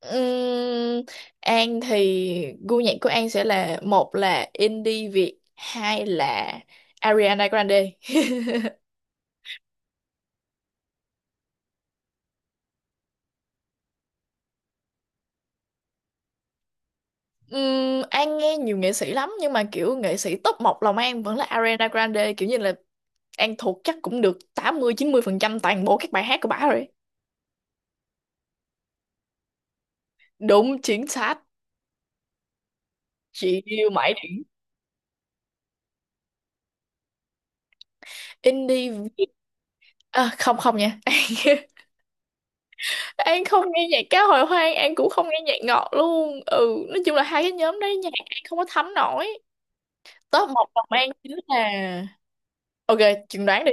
Ừm, An thì gu nhạc của An sẽ là một là indie Việt, hai là Ariana Grande. An nghe nhiều nghệ sĩ lắm, nhưng mà kiểu nghệ sĩ top một lòng An vẫn là Ariana Grande, kiểu như là An thuộc chắc cũng được tám mươi mươi chín mươi phần trăm toàn bộ các bài hát của bả rồi. Đúng chính xác. Chị yêu mãi indie à, không không nha. An không nghe nhạc cá hồi hoang, An cũng không nghe nhạc ngọt luôn. Ừ, nói chung là hai cái nhóm đấy nhạc An không có thấm nổi. Top một lòng An chính là... Ok, chừng đoán đi.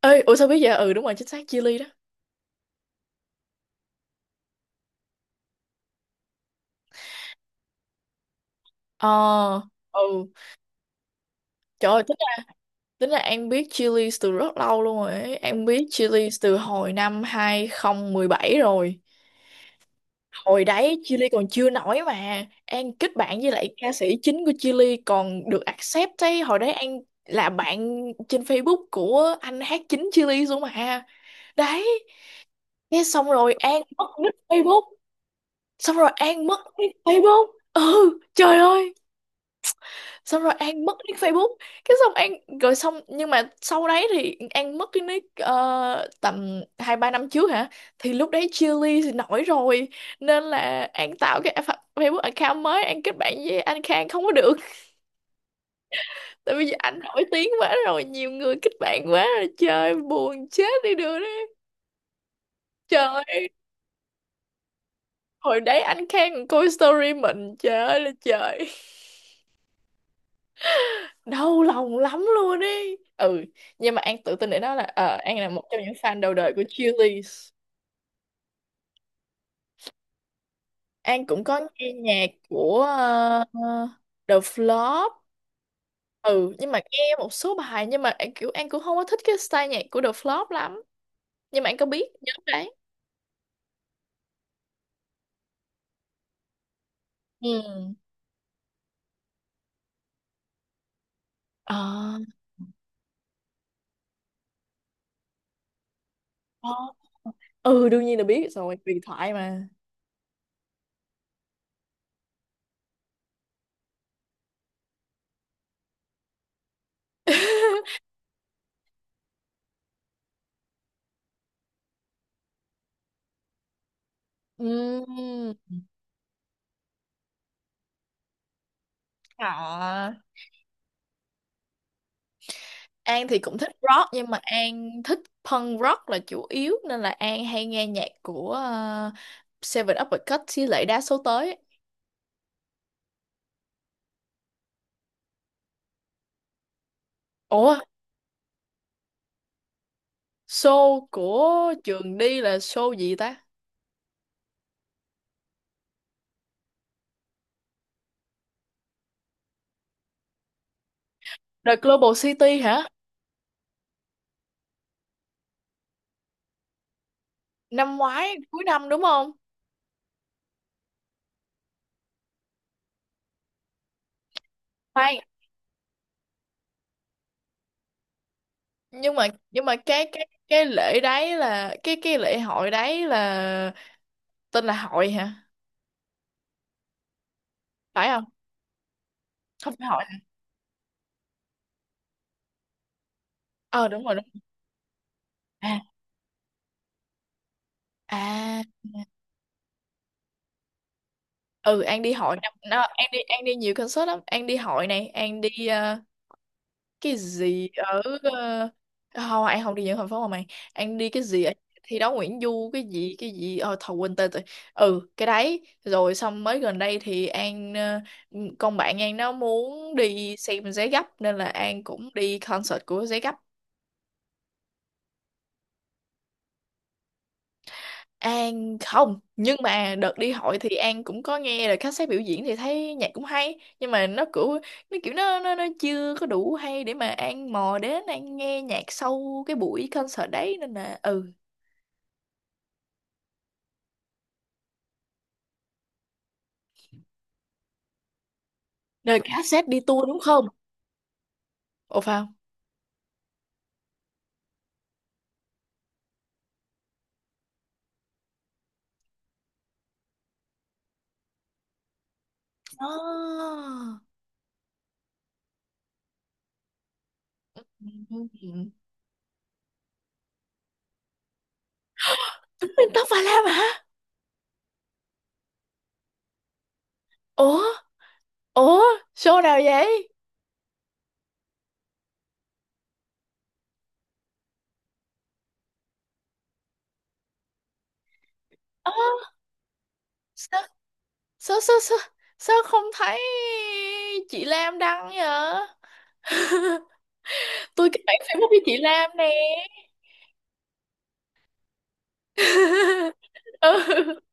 Ơi, ủa sao biết vậy? Ừ đúng rồi, chính xác, chili đó. ờ ừ, trời ơi, tính là An biết chili từ rất lâu luôn rồi ấy. An biết chili từ hồi năm 2017 rồi. Hồi đấy chili còn chưa nổi mà An kết bạn với lại ca sĩ chính của chili còn được accept ấy. Hồi đấy An là bạn trên Facebook của anh hát chính chili luôn mà. Đấy. Thế xong rồi An mất nick Facebook. Xong rồi An mất nick Facebook. Ừ, trời ơi. Xong rồi An mất nick Facebook. Cái xong An, rồi xong, nhưng mà sau đấy thì An mất cái nick, tầm hai ba năm trước hả, thì lúc đấy Chillies thì nổi rồi, nên là An tạo cái Facebook account mới. An kết bạn với anh Khang không có được, tại vì anh nổi tiếng quá rồi, nhiều người kết bạn quá rồi, trời buồn chết đi được đấy. Trời ơi, hồi đấy anh Khang coi story mình, trời ơi là trời, đau lòng lắm luôn đi. Ừ, nhưng mà An tự tin để nói là An là một trong những fan đầu đời của Chillies. An cũng có nghe nhạc của ờ, The Flop. Ừ, nhưng mà nghe một số bài, nhưng mà kiểu An cũng không có thích cái style nhạc của The Flop lắm, nhưng mà An có biết nhóm đấy. Ừ. Ờ. Ờ. Ừ, đương nhiên là biết rồi, huyền thoại mà. Ừ. Hả? An thì cũng thích rock, nhưng mà An thích punk rock là chủ yếu, nên là An hay nghe nhạc của Seven Uppercut Cut với lại đa số tới. Ủa, show của trường đi là show gì ta? The Global City hả? Năm ngoái cuối năm đúng không? Khoan, nhưng mà cái lễ đấy là cái lễ hội đấy là tên là hội hả? Phải không? Không phải hội. Hả? Ờ đúng rồi, đúng. À. À. Ừ, An đi hội năm nó, An đi, An đi nhiều concert lắm, An đi hội này, An đi cái gì ở không, An không đi những thành phố mà mày. An đi cái gì ở thi đấu Nguyễn Du, cái gì cái gì, thầu quên tên rồi. Ừ, cái đấy rồi xong mới gần đây thì An, con bạn An nó muốn đi xem Giấy Gấp nên là An cũng đi concert của Giấy Gấp. An không, nhưng mà đợt đi hội thì An cũng có nghe là khách sếp biểu diễn thì thấy nhạc cũng hay, nhưng mà nó kiểu, nó kiểu, nó chưa có đủ hay để mà An mò đến An nghe nhạc sau cái buổi concert đấy, nên là ừ. Nên là cassette đi tour đúng không? Ồ, phải không? Oh. Tuấn Minh Tóc Và Lam hả? Ủa Ủa, show nào vậy? Ơ, sao, sao sao sao, sao không thấy chị Lam đăng vậy? Tôi kết bạn Facebook với chị Lam nè. Ừ.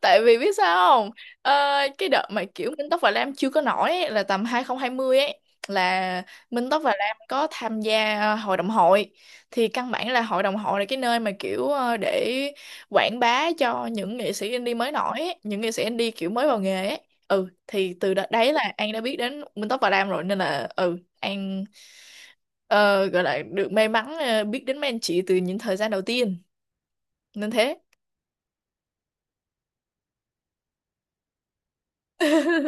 Tại vì biết sao không, ờ, cái đợt mà kiểu Minh Tóc và Lam chưa có nổi ấy, là tầm 2020 ấy, là Minh Tóc và Lam có tham gia hội đồng hội, thì căn bản là hội đồng hội là cái nơi mà kiểu để quảng bá cho những nghệ sĩ indie mới nổi ấy, những nghệ sĩ indie kiểu mới vào nghề ấy. Ừ, thì từ đợt đấy là An đã biết đến Minh Tóc và Lam rồi, nên là ừ, An ờ, gọi là được may mắn, biết đến mấy anh chị từ những thời gian đầu tiên nên thế.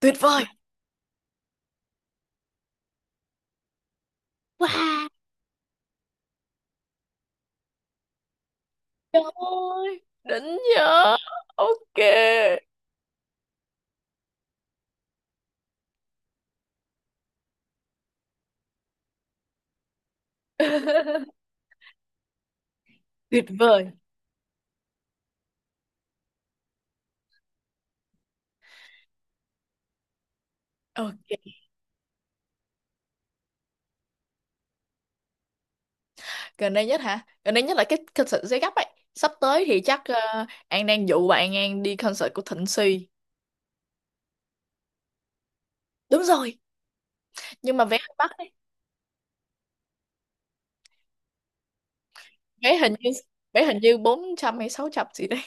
Tuyệt vời. Wow. Trời ơi, đỉnh nhờ. Ok. Tuyệt vời. Ok. Gần đây nhất hả? Gần đây nhất là cái concert giấy gấp ấy. Sắp tới thì chắc An đang dụ bạn An đi concert của Thịnh Suy. Đúng rồi. Nhưng mà vé hơi mắc đấy. Vé hình như Vé hình như 400 hay 600 gì đấy.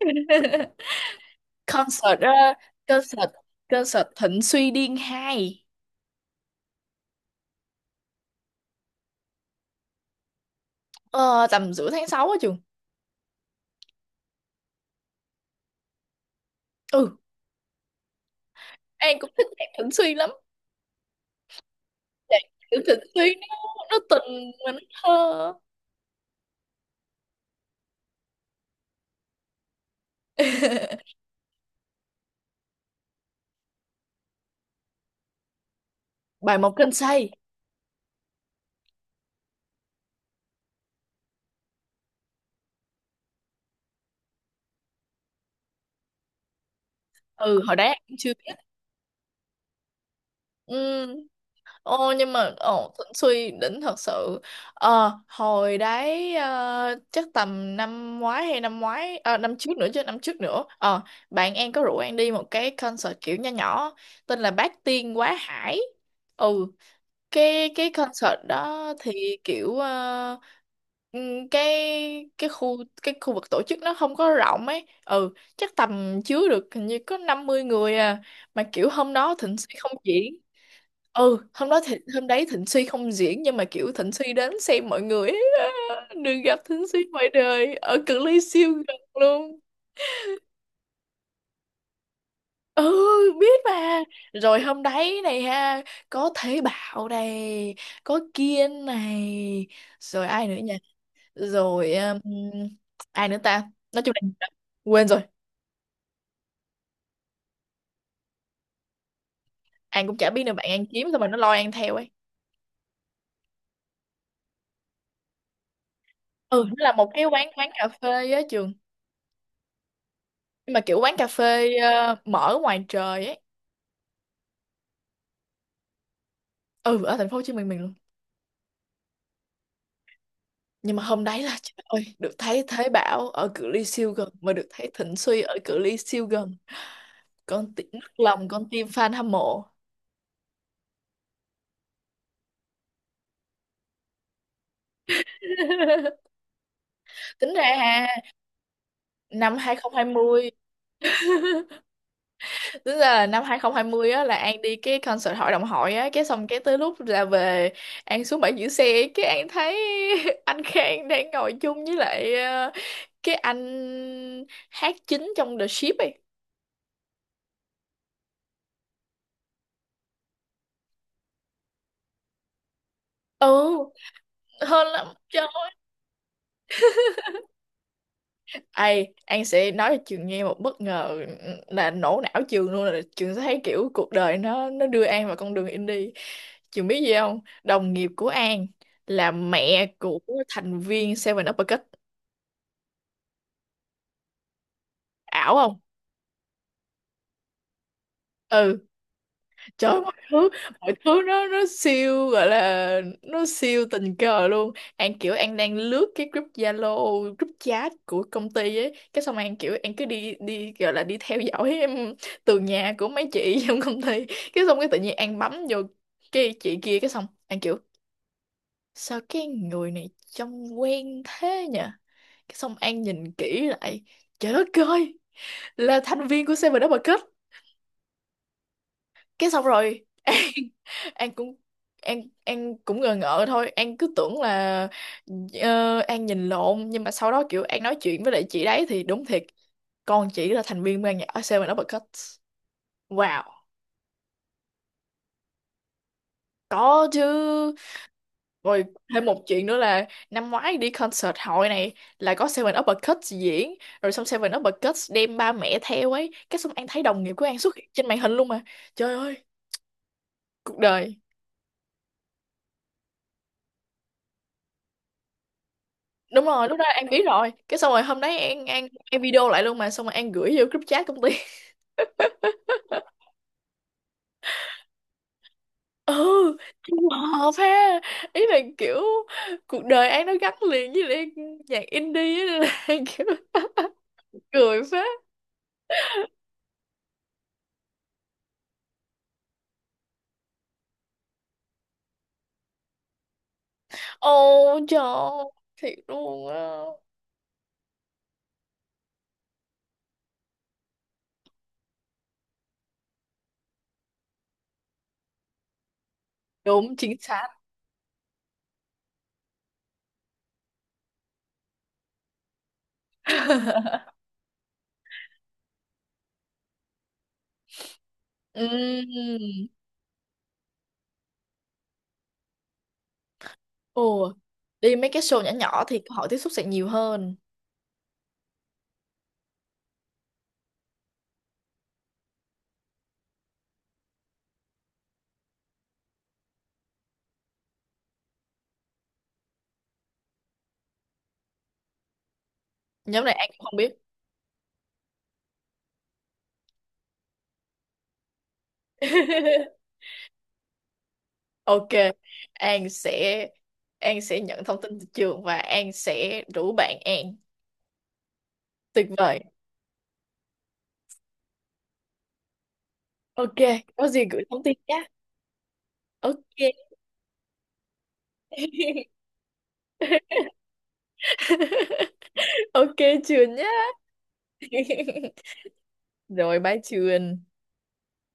Concert ờ, concert concert Thịnh Suy Điên 2. Ờ, Tầm giữa tháng 6 á trường. Ừ, An cũng thích nhạc Thịnh Suy lắm. Kiểu thịnh Thúy nó tình mà nó thơ. Bài một trên say. Ừ hồi đó em chưa biết. Ừ. Ô, nhưng mà ồ Thịnh Suy đỉnh thật sự. Hồi đấy, chắc tầm năm ngoái hay năm ngoái, năm trước nữa, chứ năm trước nữa, bạn em có rủ em đi một cái concert kiểu nho nhỏ tên là Bát Tiên Quá Hải. Ừ, cái concert đó thì kiểu, cái khu, cái khu vực tổ chức nó không có rộng ấy. Ừ, chắc tầm chứa được hình như có 50 người à, mà kiểu hôm đó Thịnh Suy không diễn. Ừ, hôm đó thì hôm đấy Thịnh Suy không diễn, nhưng mà kiểu Thịnh Suy đến xem mọi người ấy. Đừng gặp Thịnh Suy ngoài đời ở cự ly siêu gần luôn. Ừ biết mà. Rồi hôm đấy này ha, có Thế Bảo này, có Kiên này, rồi ai nữa nhỉ, rồi ai nữa ta, nói chung là quên rồi. An cũng chả biết nữa, bạn An kiếm xong rồi nó lôi An theo ấy. Ừ, nó là một cái quán quán cà phê á trường. Nhưng mà kiểu quán cà phê mở ngoài trời ấy. Ừ ở thành phố Hồ Chí Minh mình luôn. Nhưng mà hôm đấy là trời ơi, được thấy Thế Bảo ở cự ly siêu gần, mà được thấy Thịnh Suy ở cự ly siêu gần, con tim nức lòng, con tim fan hâm mộ. Tính ra ha, năm 2020. Tính ra là năm 2020 á, là An đi cái concert hội đồng hội á, cái xong cái tới lúc ra về An xuống bãi giữ xe cái An thấy anh Khang đang ngồi chung với lại, cái anh hát chính trong The Ship ấy. Ừ hơn lắm chứ. Ai, An sẽ nói cho Trường nghe một bất ngờ là nổ não Trường luôn, là Trường sẽ thấy kiểu cuộc đời nó đưa An vào con đường indie. Trường biết gì không? Đồng nghiệp của An là mẹ của thành viên Seven Uppercut. Ảo không? Ừ, trời ơi, mọi thứ nó siêu, gọi là nó siêu tình cờ luôn. An kiểu An đang lướt cái group Zalo, group chat của công ty ấy, cái xong An kiểu An cứ đi đi, gọi là đi theo dõi em từ nhà của mấy chị trong công ty, cái xong cái tự nhiên An bấm vô cái chị kia, cái xong An kiểu sao cái người này trông quen thế nhỉ, cái xong An nhìn kỹ lại, trời đất ơi, là thành viên của Seven Double Cup. Cái xong rồi, An An cũng An cũng ngờ ngợ thôi, An cứ tưởng là An nhìn lộn, nhưng mà sau đó kiểu An nói chuyện với lại chị đấy thì đúng thiệt, con chỉ là thành viên ban nhạc Seven Uppercuts. Wow. Có chứ. Rồi, thêm một chuyện nữa là năm ngoái đi concert hội này, là có Seven Uppercuts diễn, rồi xong Seven Uppercuts đem ba mẹ theo ấy, cái xong An thấy đồng nghiệp của An xuất hiện trên màn hình luôn mà. Trời ơi, cuộc đời. Đúng rồi, lúc đó An biết rồi, cái xong rồi hôm đấy An video lại luôn mà, xong rồi An gửi vô group chat công ty. Ừ trùng hợp ha, ý là kiểu cuộc đời An nó gắn liền với lại nhạc indie á, nên là An kiểu cười phết. Ô trời ơi, thiệt luôn á. Đúng chính xác. Ừm. Ồ đi mấy cái show nhỏ nhỏ thì cơ hội tiếp xúc sẽ nhiều hơn. Nhóm này An cũng không biết. Ok, An sẽ An sẽ nhận thông tin từ trường và An sẽ rủ bạn An. Tuyệt vời. Ok, có gì gửi thông tin nhé. Ok. Ok Trường nhá. Rồi bye Trường.